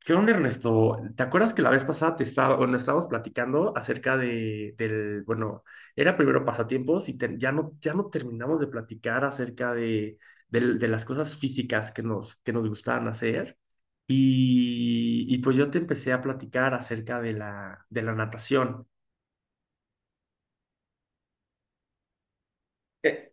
¿Qué onda, Ernesto? ¿Te acuerdas que la vez pasada te estaba, bueno, estábamos platicando acerca de, del, bueno, era primero pasatiempos y ya no, ya no terminamos de platicar acerca de, de las cosas físicas que nos gustaban hacer. Y pues yo te empecé a platicar acerca de la natación. Eh,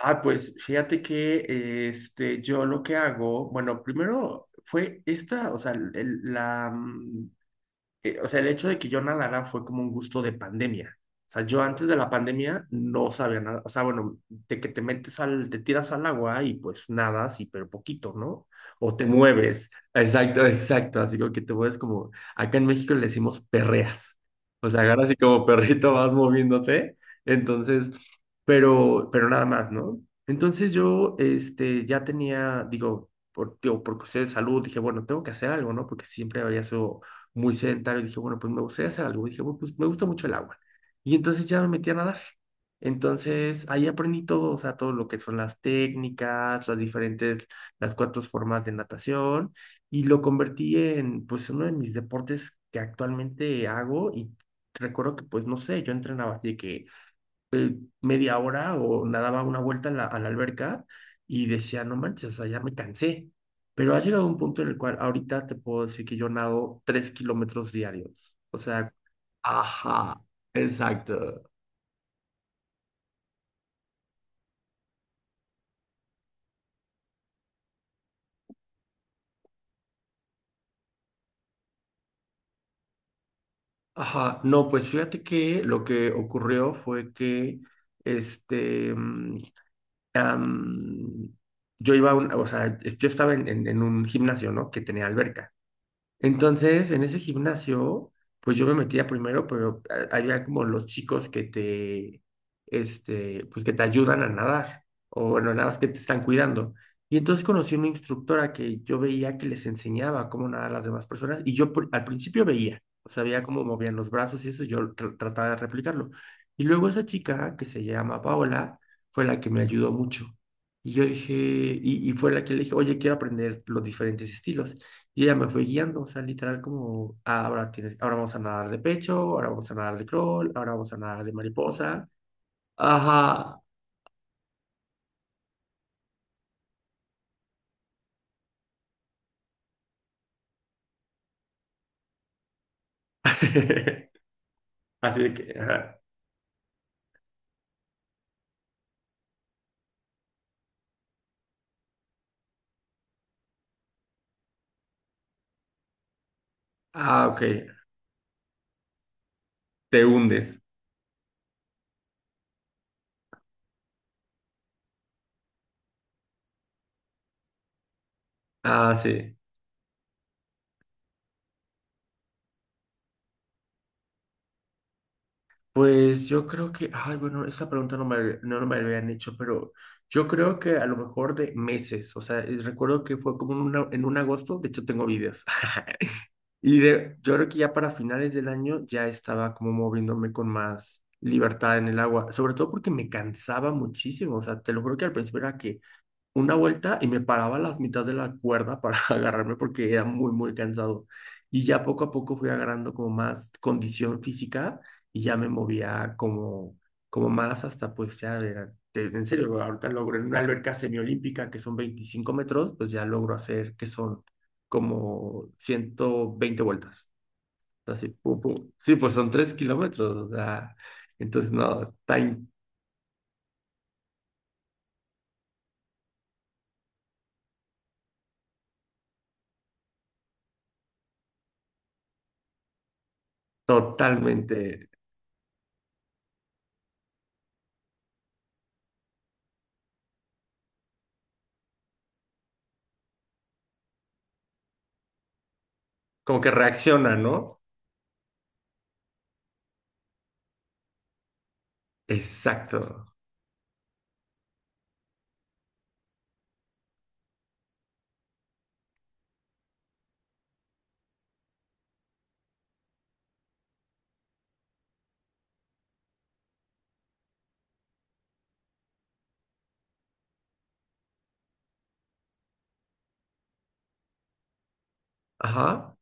pues fíjate que este, yo lo que hago, bueno, primero fue esta, o sea, la, o sea, el hecho de que yo nadara fue como un gusto de pandemia. O sea, yo antes de la pandemia no sabía nada. O sea, bueno, de que te metes al, te tiras al agua y pues nadas y pero poquito, ¿no? O te mueves. Exacto, exacto. Así como que te mueves como, acá en México le decimos perreas. O sea, agarras así como perrito vas moviéndote. Entonces, pero nada más, ¿no? Entonces yo, este, ya tenía, digo, por, digo, por cuestiones de salud, dije, bueno, tengo que hacer algo, ¿no? Porque siempre había sido muy sedentario, dije, bueno, pues me gustaría hacer algo. Dije, bueno, pues me gusta mucho el agua. Y entonces ya me metí a nadar. Entonces ahí aprendí todo, o sea, todo lo que son las técnicas, las diferentes, las cuatro formas de natación y lo convertí en, pues, uno de mis deportes que actualmente hago y recuerdo que, pues, no sé, yo entrenaba así de que eh, media hora o nadaba una vuelta en a la alberca y decía, no manches, o sea, ya me cansé. Pero ha llegado un punto en el cual ahorita te puedo decir que yo nado 3 kilómetros diarios. O sea, ajá, exacto. Ajá, no, pues fíjate que lo que ocurrió fue que este mm, am, yo iba a o sea, yo estaba en, en un gimnasio, ¿no? Que tenía alberca. Entonces, en ese gimnasio, pues yo me metía primero, pero había como los chicos que te, este, pues que te ayudan a nadar, o bueno, nada más que te están cuidando. Y entonces conocí una instructora que yo veía que les enseñaba cómo nadar a las demás personas, y yo al principio veía, o sea, veía cómo movían los brazos y eso, yo trataba de replicarlo. Y luego esa chica, que se llama Paola, fue la que me ayudó mucho. Y fue la que le dije, oye, quiero aprender los diferentes estilos. Y ella me fue guiando, o sea, literal como, "Ah, ahora tienes, ahora vamos a nadar de pecho, ahora vamos a nadar de crawl, ahora vamos a nadar de mariposa." Ajá. Así de que, ajá. Ah, ok. Te hundes. Ah, sí. Pues yo creo que, ay, bueno, esa pregunta no me, no me la habían hecho, pero yo creo que a lo mejor de meses, o sea, recuerdo que fue como en en un agosto, de hecho tengo videos. Y de, yo creo que ya para finales del año ya estaba como moviéndome con más libertad en el agua, sobre todo porque me cansaba muchísimo, o sea, te lo juro que al principio era que una vuelta y me paraba a la mitad de la cuerda para agarrarme porque era muy, muy cansado. Y ya poco a poco fui agarrando como más condición física y ya me movía como, como más hasta pues ya, en serio, ahorita logro en una alberca semiolímpica que son 25 metros, pues ya logro hacer que son como 120 vueltas. Así, pum, pum. Sí, pues son 3 kilómetros, o sea, entonces no, está totalmente, como que reacciona, ¿no? Exacto. Ajá.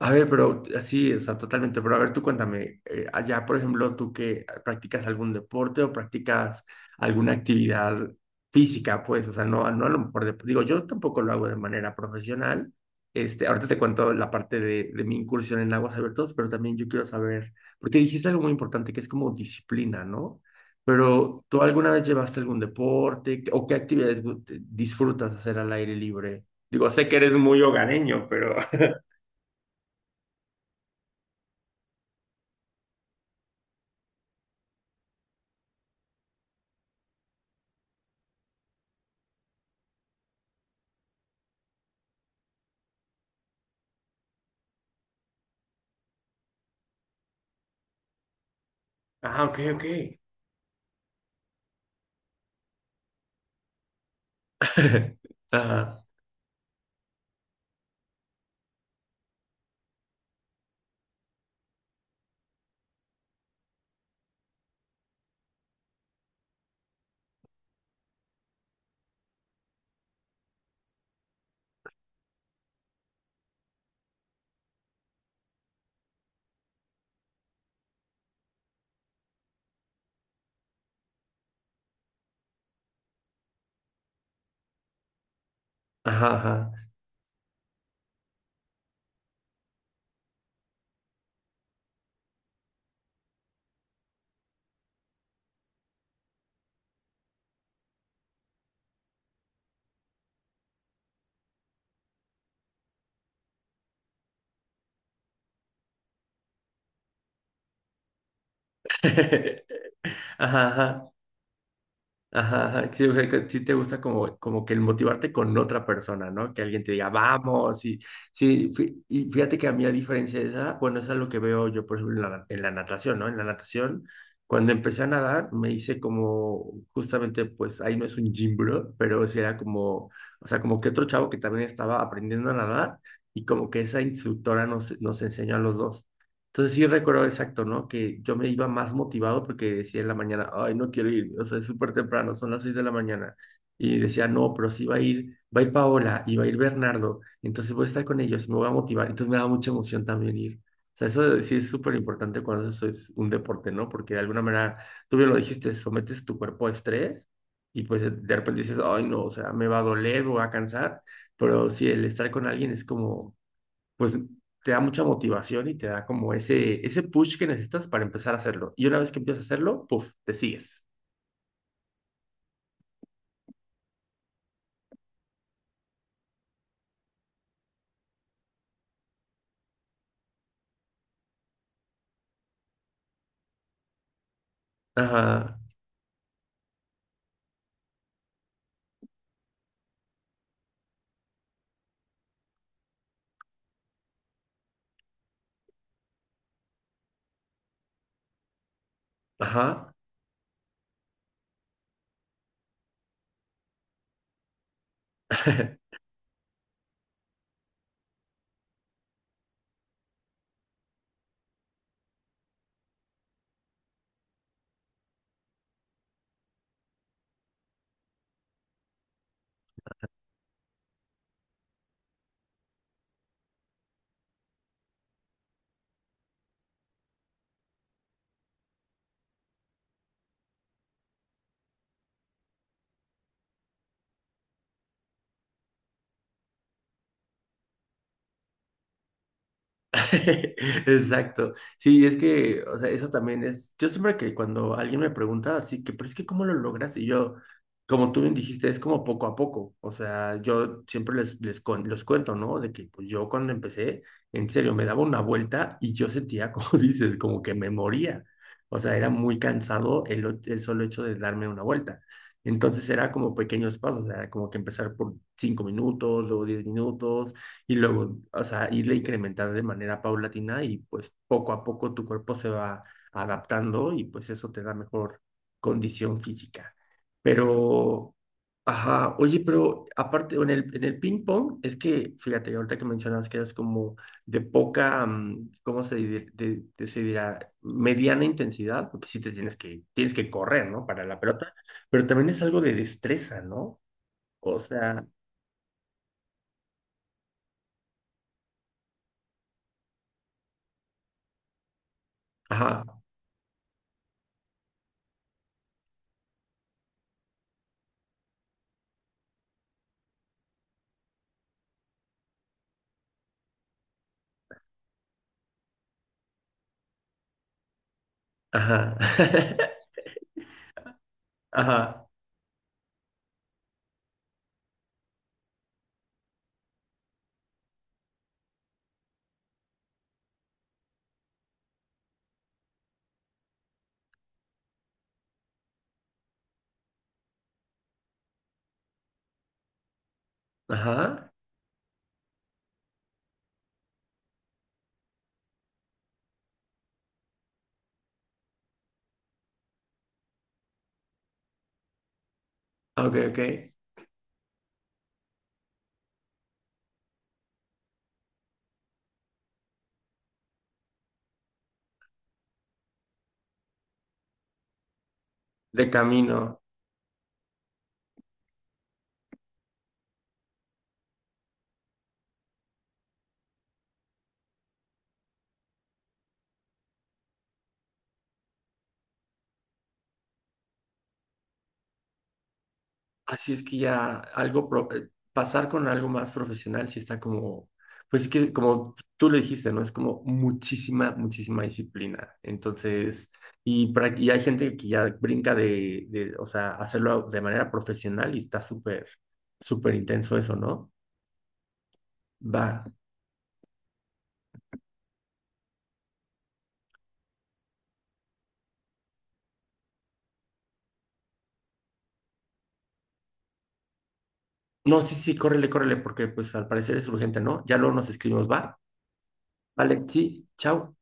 A ver, pero así, o sea, totalmente. Pero a ver, tú cuéntame, allá, por ejemplo, tú que practicas algún deporte o practicas alguna actividad física, pues, o sea, no, no a lo mejor, digo, yo tampoco lo hago de manera profesional. Este, ahorita te cuento la parte de mi incursión en aguas abiertas, pero también yo quiero saber, porque dijiste algo muy importante que es como disciplina, ¿no? Pero ¿tú alguna vez llevaste algún deporte o qué actividades disfrutas hacer al aire libre? Digo, sé que eres muy hogareño, pero... Ah, ok, ok. Ajá, ajá, ajá. Ajá, ajá, ajá, ajá. Sí, o sea, que sí te gusta como, como que el motivarte con otra persona, ¿no? Que alguien te diga, vamos, y sí, y fíjate que a mí a diferencia de esa, bueno, eso es lo que veo yo, por ejemplo, en la natación, ¿no? En la natación, cuando empecé a nadar, me hice como, justamente, pues ahí no es un gym bro, pero sí era como, o sea, como que otro chavo que también estaba aprendiendo a nadar y como que esa instructora nos, nos enseñó a los dos. Entonces sí recuerdo exacto, ¿no? Que yo me iba más motivado porque decía en la mañana, ay, no quiero ir, o sea, es súper temprano, son las 6 de la mañana. Y decía, no, pero sí va a ir Paola y va a ir Bernardo, entonces voy a estar con ellos, me voy a motivar. Entonces me da mucha emoción también ir. O sea, sí es súper importante cuando eso es un deporte, ¿no? Porque de alguna manera, tú bien lo dijiste, sometes tu cuerpo a estrés y pues de repente dices, ay, no, o sea, me va a doler, me va a cansar, pero sí, el estar con alguien es como pues te da mucha motivación y te da como ese push que necesitas para empezar a hacerlo. Y una vez que empiezas a hacerlo, puff, te sigues. Ajá, ajá. Exacto. Sí, es que, o sea, eso también es. Yo siempre que cuando alguien me pregunta así que, pero es que ¿cómo lo logras? Y yo, como tú bien dijiste, es como poco a poco. O sea, yo siempre los cuento, ¿no? De que pues yo cuando empecé, en serio, me daba una vuelta y yo sentía, como dices, como que me moría. O sea, era muy cansado el solo hecho de darme una vuelta. Entonces era como pequeños pasos, era como que empezar por 5 minutos, luego 10 minutos y luego, o sea, irle incrementando de manera paulatina y pues poco a poco tu cuerpo se va adaptando y pues eso te da mejor condición física. Pero, ajá, oye, pero aparte, en el ping pong, es que, fíjate, ahorita que mencionas que es como de poca, ¿cómo se, se dirá? Mediana intensidad, porque sí te tienes que correr, ¿no? Para la pelota, pero también es algo de destreza, ¿no? O sea, ajá, ajá. Ajá. Ajá. Ah, ok, ok. De camino. Así es que ya algo, pasar con algo más profesional sí está como, pues es que como tú le dijiste, ¿no? Es como muchísima, muchísima disciplina. Entonces, y hay gente que ya brinca o sea, hacerlo de manera profesional y está súper, súper intenso eso, ¿no? Va. No, sí, sí, córrele, córrele, porque pues al parecer es urgente, ¿no? Ya luego nos escribimos, va. Vale, sí, chao.